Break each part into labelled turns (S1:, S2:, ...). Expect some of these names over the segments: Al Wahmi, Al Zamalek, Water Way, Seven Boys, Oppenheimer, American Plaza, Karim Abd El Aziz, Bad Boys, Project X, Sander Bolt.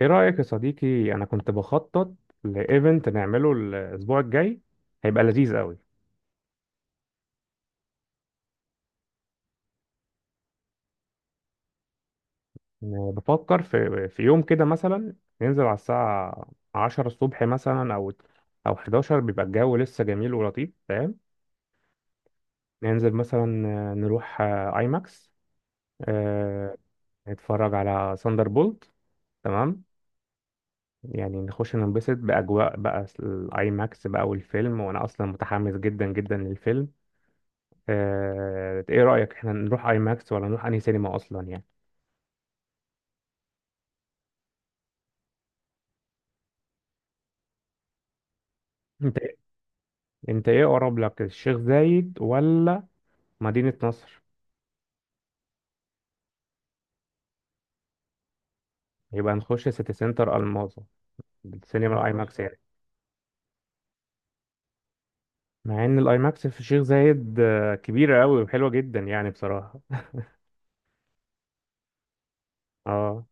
S1: ايه رأيك يا صديقي؟ انا كنت بخطط لايفنت نعمله الاسبوع الجاي. هيبقى لذيذ قوي. بفكر في يوم كده مثلا. ننزل على الساعة 10 الصبح مثلا، او 11. بيبقى الجو لسه جميل ولطيف، فاهم؟ ننزل مثلا، نروح اي ماكس، نتفرج على ساندر بولت. تمام. يعني نخش ننبسط بأجواء بقى الاي ماكس بقى والفيلم، وانا اصلا متحمس جدا جدا للفيلم. ايه رأيك؟ احنا نروح اي ماكس ولا نروح انهي سينما اصلا يعني؟ انت إيه، انت ايه اقرب لك، الشيخ زايد ولا مدينة نصر؟ يبقى نخش سيتي سنتر الماظة، السينما الاي ماكس يعني. مع ان الاي ماكس في الشيخ زايد كبيرة قوي وحلوة جدا يعني بصراحة. اه.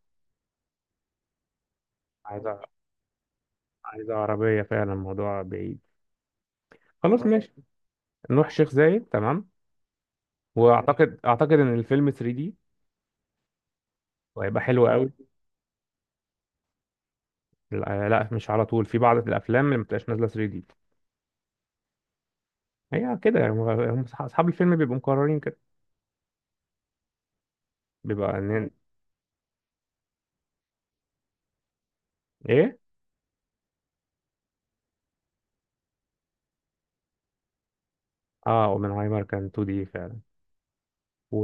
S1: عايزة، عايزة عربية فعلا، الموضوع بعيد. خلاص ماشي، نروح شيخ زايد. تمام. واعتقد ان الفيلم 3D وهيبقى حلو قوي. لا لا، مش على طول. في بعض الافلام اللي ما بتبقاش نازلة 3D. هي كده يعني، اصحاب الفيلم بيبقوا مقررين كده. بيبقى ان ايه. اه، اوبنهايمر كان 2 دي فعلا. و...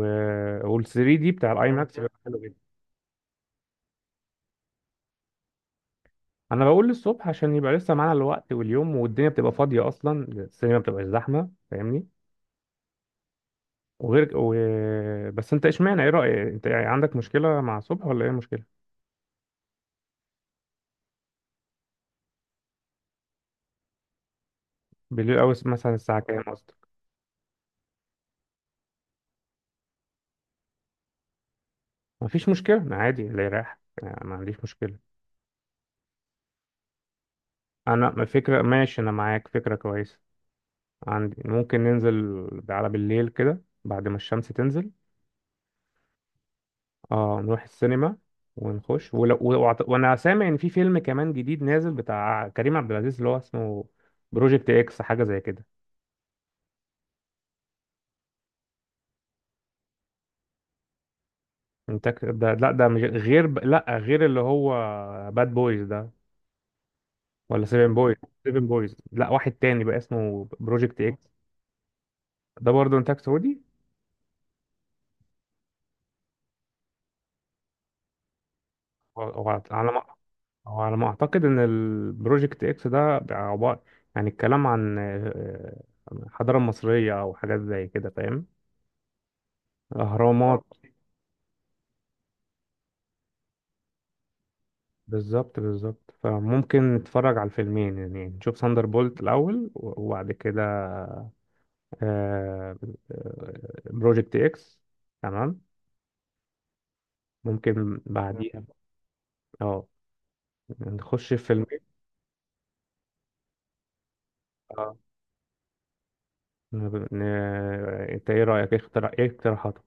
S1: وال 3 دي بتاع الاي ماكس بيبقى حلو جدا. انا بقول للصبح عشان يبقى لسه معانا الوقت، واليوم والدنيا بتبقى فاضيه، اصلا السينما بتبقى زحمه، فاهمني؟ وغير و... بس انت اشمعنى، ايه رايك انت؟ يعني عندك مشكله مع الصبح ولا ايه مشكله؟ بالليل او مثلا الساعه كام قصدك؟ مفيش مشكله، أنا عادي اللي يريح يعني، ما عنديش مشكله. انا فكره ماشي، انا معاك، فكره كويسه عندي. ممكن ننزل على بالليل كده بعد ما الشمس تنزل. اه، نروح السينما ونخش وانا سامع ان في فيلم كمان جديد نازل بتاع كريم عبد العزيز، اللي هو اسمه بروجكت اكس، حاجه زي كده. ده، لا ده مش غير لا، غير اللي هو باد بويز ده، ولا سيفن بويز؟ سيفن بويز لا، واحد تاني بقى اسمه بروجكت اكس. ده برضه انتاج سعودي. وعلى، هو على ما اعتقد ان البروجكت اكس ده عبارة، يعني الكلام عن الحضارة المصرية او حاجات زي كده، فاهم. اهرامات، اه. بالظبط بالظبط. فممكن نتفرج على الفيلمين، يعني نشوف ساندر بولت الاول، وبعد كده آه، بروجكت اكس. تمام. ممكن بعديها. اه، نخش في فيلمين. اه. ن- ن- انت ايه رأيك؟ إيه اقتراحاتك؟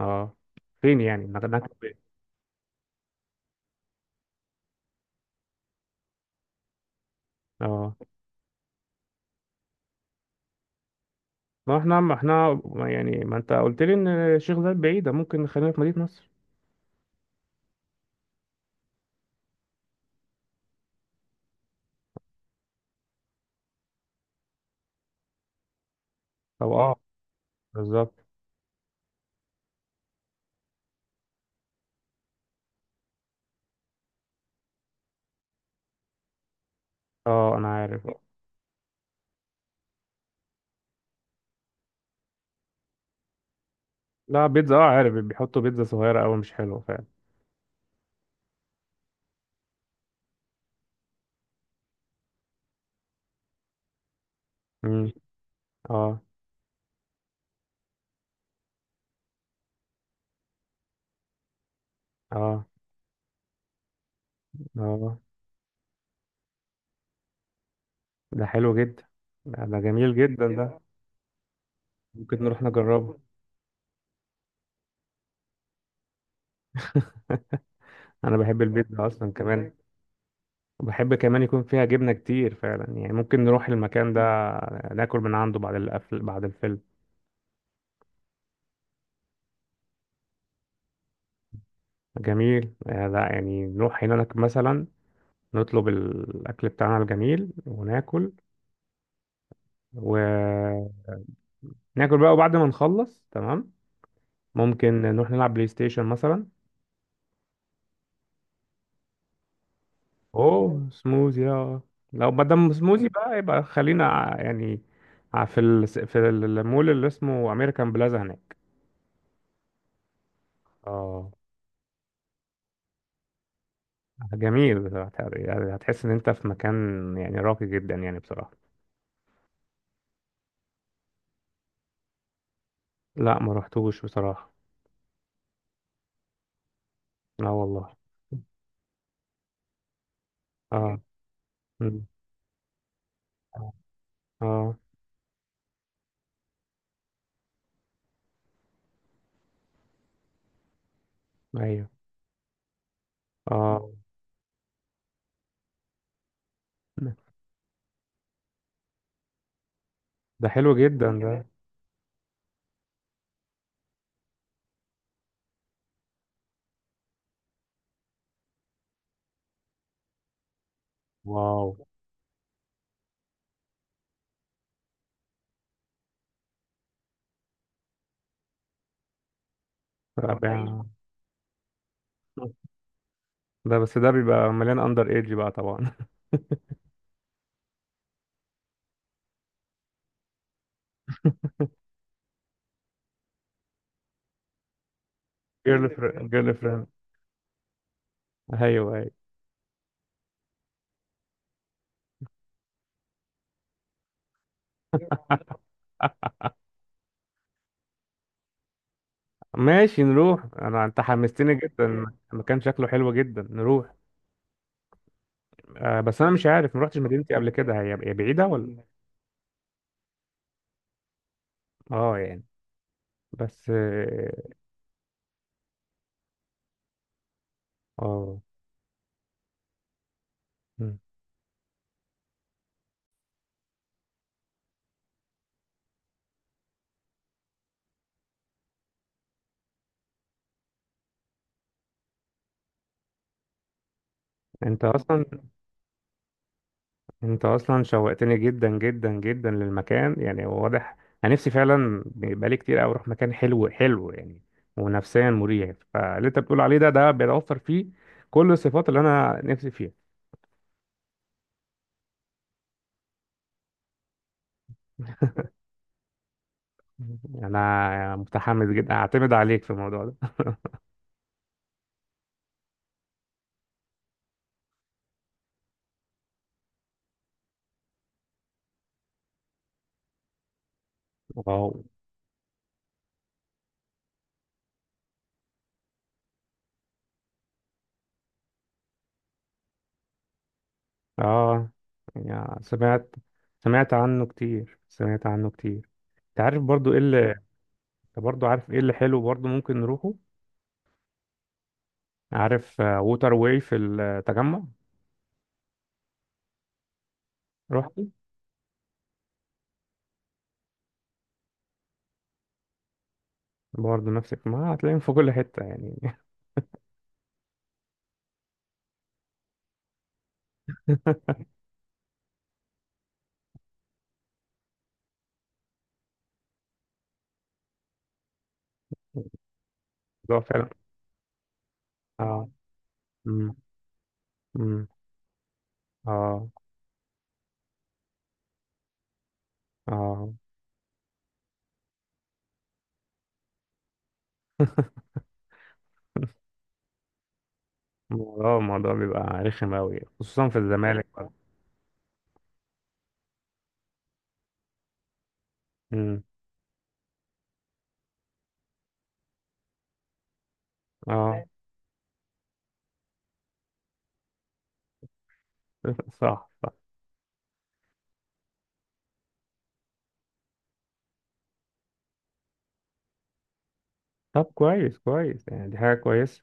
S1: اه، فين يعني نكتب إيه؟ اه، ما احنا ما احنا ما يعني ما انت قلت لي ان الشيخ زايد بعيدة، ممكن نخلينا في مدينة نصر. طب اه. بالظبط. اه انا عارف. لا بيتزا، اه عارف، بيحطوا بيتزا صغيرة قوي مش حلوة فعلا. مم. اه. اه. اه. ده حلو جدا ده، ده جميل جدا ده. ممكن نروح نجربه. انا بحب البيتزا اصلا كمان، وبحب كمان يكون فيها جبنة كتير فعلا، يعني ممكن نروح المكان ده، ناكل من عنده بعد القفل بعد الفيلم. جميل. لا يعني نروح هناك مثلا، نطلب الأكل بتاعنا الجميل وناكل. وناكل بقى، وبعد ما نخلص تمام، ممكن نروح نلعب بلاي ستيشن مثلا. أوه سموزي، اه. لو ما دام سموزي بقى، يبقى خلينا في في المول اللي اسمه أمريكان بلازا هناك. اه. جميل بصراحة، يعني هتحس إن أنت في مكان يعني راقي جدا يعني بصراحة. لا، ما رحتوش بصراحة. لا والله. اه. مم. اه. آه. أيوه. اه. ده حلو جدا ده. واو. ايوه رائع. ده بس ده بيبقى مليان اندر ايدج بقى طبعا. جيرل فريند، جيرل فريند. ايوه، ايوه. ماشي، نروح. انا انت حمستني جدا. المكان شكله حلو جدا، نروح. آه بس انا مش عارف، ما رحتش مدينتي قبل كده. هي بعيده ولا؟ اه يعني. بس اه. آه. مم. انت اصلا، انت اصلا شوقتني جدا جدا جدا للمكان، يعني هو واضح. انا نفسي فعلا بقالي كتير قوي اروح مكان حلو حلو يعني، ونفسيا مريح. فاللي انت بتقول عليه ده، ده بيتوفر فيه كل الصفات اللي انا نفسي فيها. انا متحمس جدا، اعتمد عليك في الموضوع ده. واو. اه يعني سمعت، سمعت عنه كتير، سمعت عنه كتير. انت عارف برضو ايه اللي، انت برضو عارف ايه اللي حلو برضو، ممكن نروحه. عارف ووتر واي في التجمع؟ رحت؟ برضه نفسك، ما هتلاقيهم في كل حتة يعني. الموضوع فعلا. اه. امم. امم. اه. اه. الموضوع، الموضوع بيبقى رخم أوي خصوصا في الزمالك بقى. امم. اه. صح صح. طب كويس كويس، يعني دي حاجة كويسة.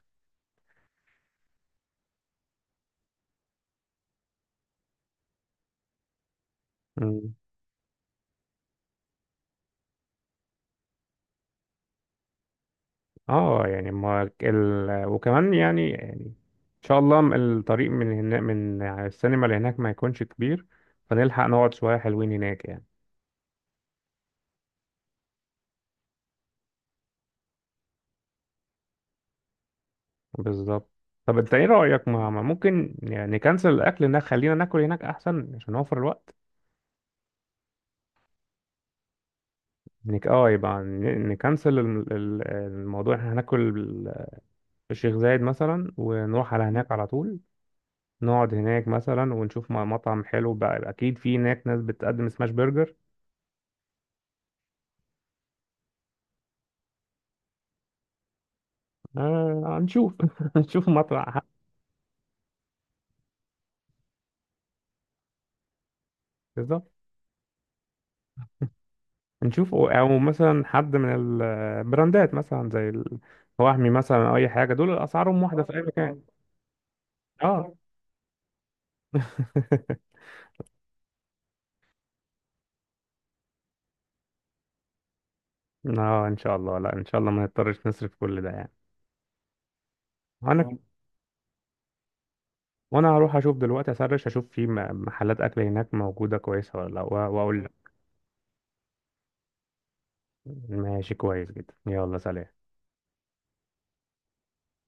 S1: امم. اه يعني ما ال... وكمان يعني يعني ان شاء الله، الطريق من هنا، من يعني السينما اللي هناك ما يكونش كبير، فنلحق نقعد شوية حلوين هناك يعني. بالظبط. طب انت ايه رأيك، ما ممكن يعني نكنسل الاكل هناك، خلينا ناكل هناك احسن عشان نوفر الوقت. اه، يبقى نكنسل الموضوع. احنا هناكل في الشيخ زايد مثلا، ونروح على هناك على طول. نقعد هناك مثلا، ونشوف مطعم حلو بقى، اكيد في هناك ناس بتقدم سماش برجر. آه هنشوف. هنشوف بالظبط. نشوف او، أو مثلا حد من البراندات مثلا زي الوهمي مثلا او اي حاجه، دول اسعارهم واحده في اي مكان. اه. اه ان شاء الله، لا ان شاء الله ما نضطرش نصرف كل ده يعني. وانا آه. وانا هروح اشوف دلوقتي، اسرش اشوف في محلات اكل هناك موجودة كويسة ولا لا واقول لك. ماشي، كويس جدا، يلا سلام.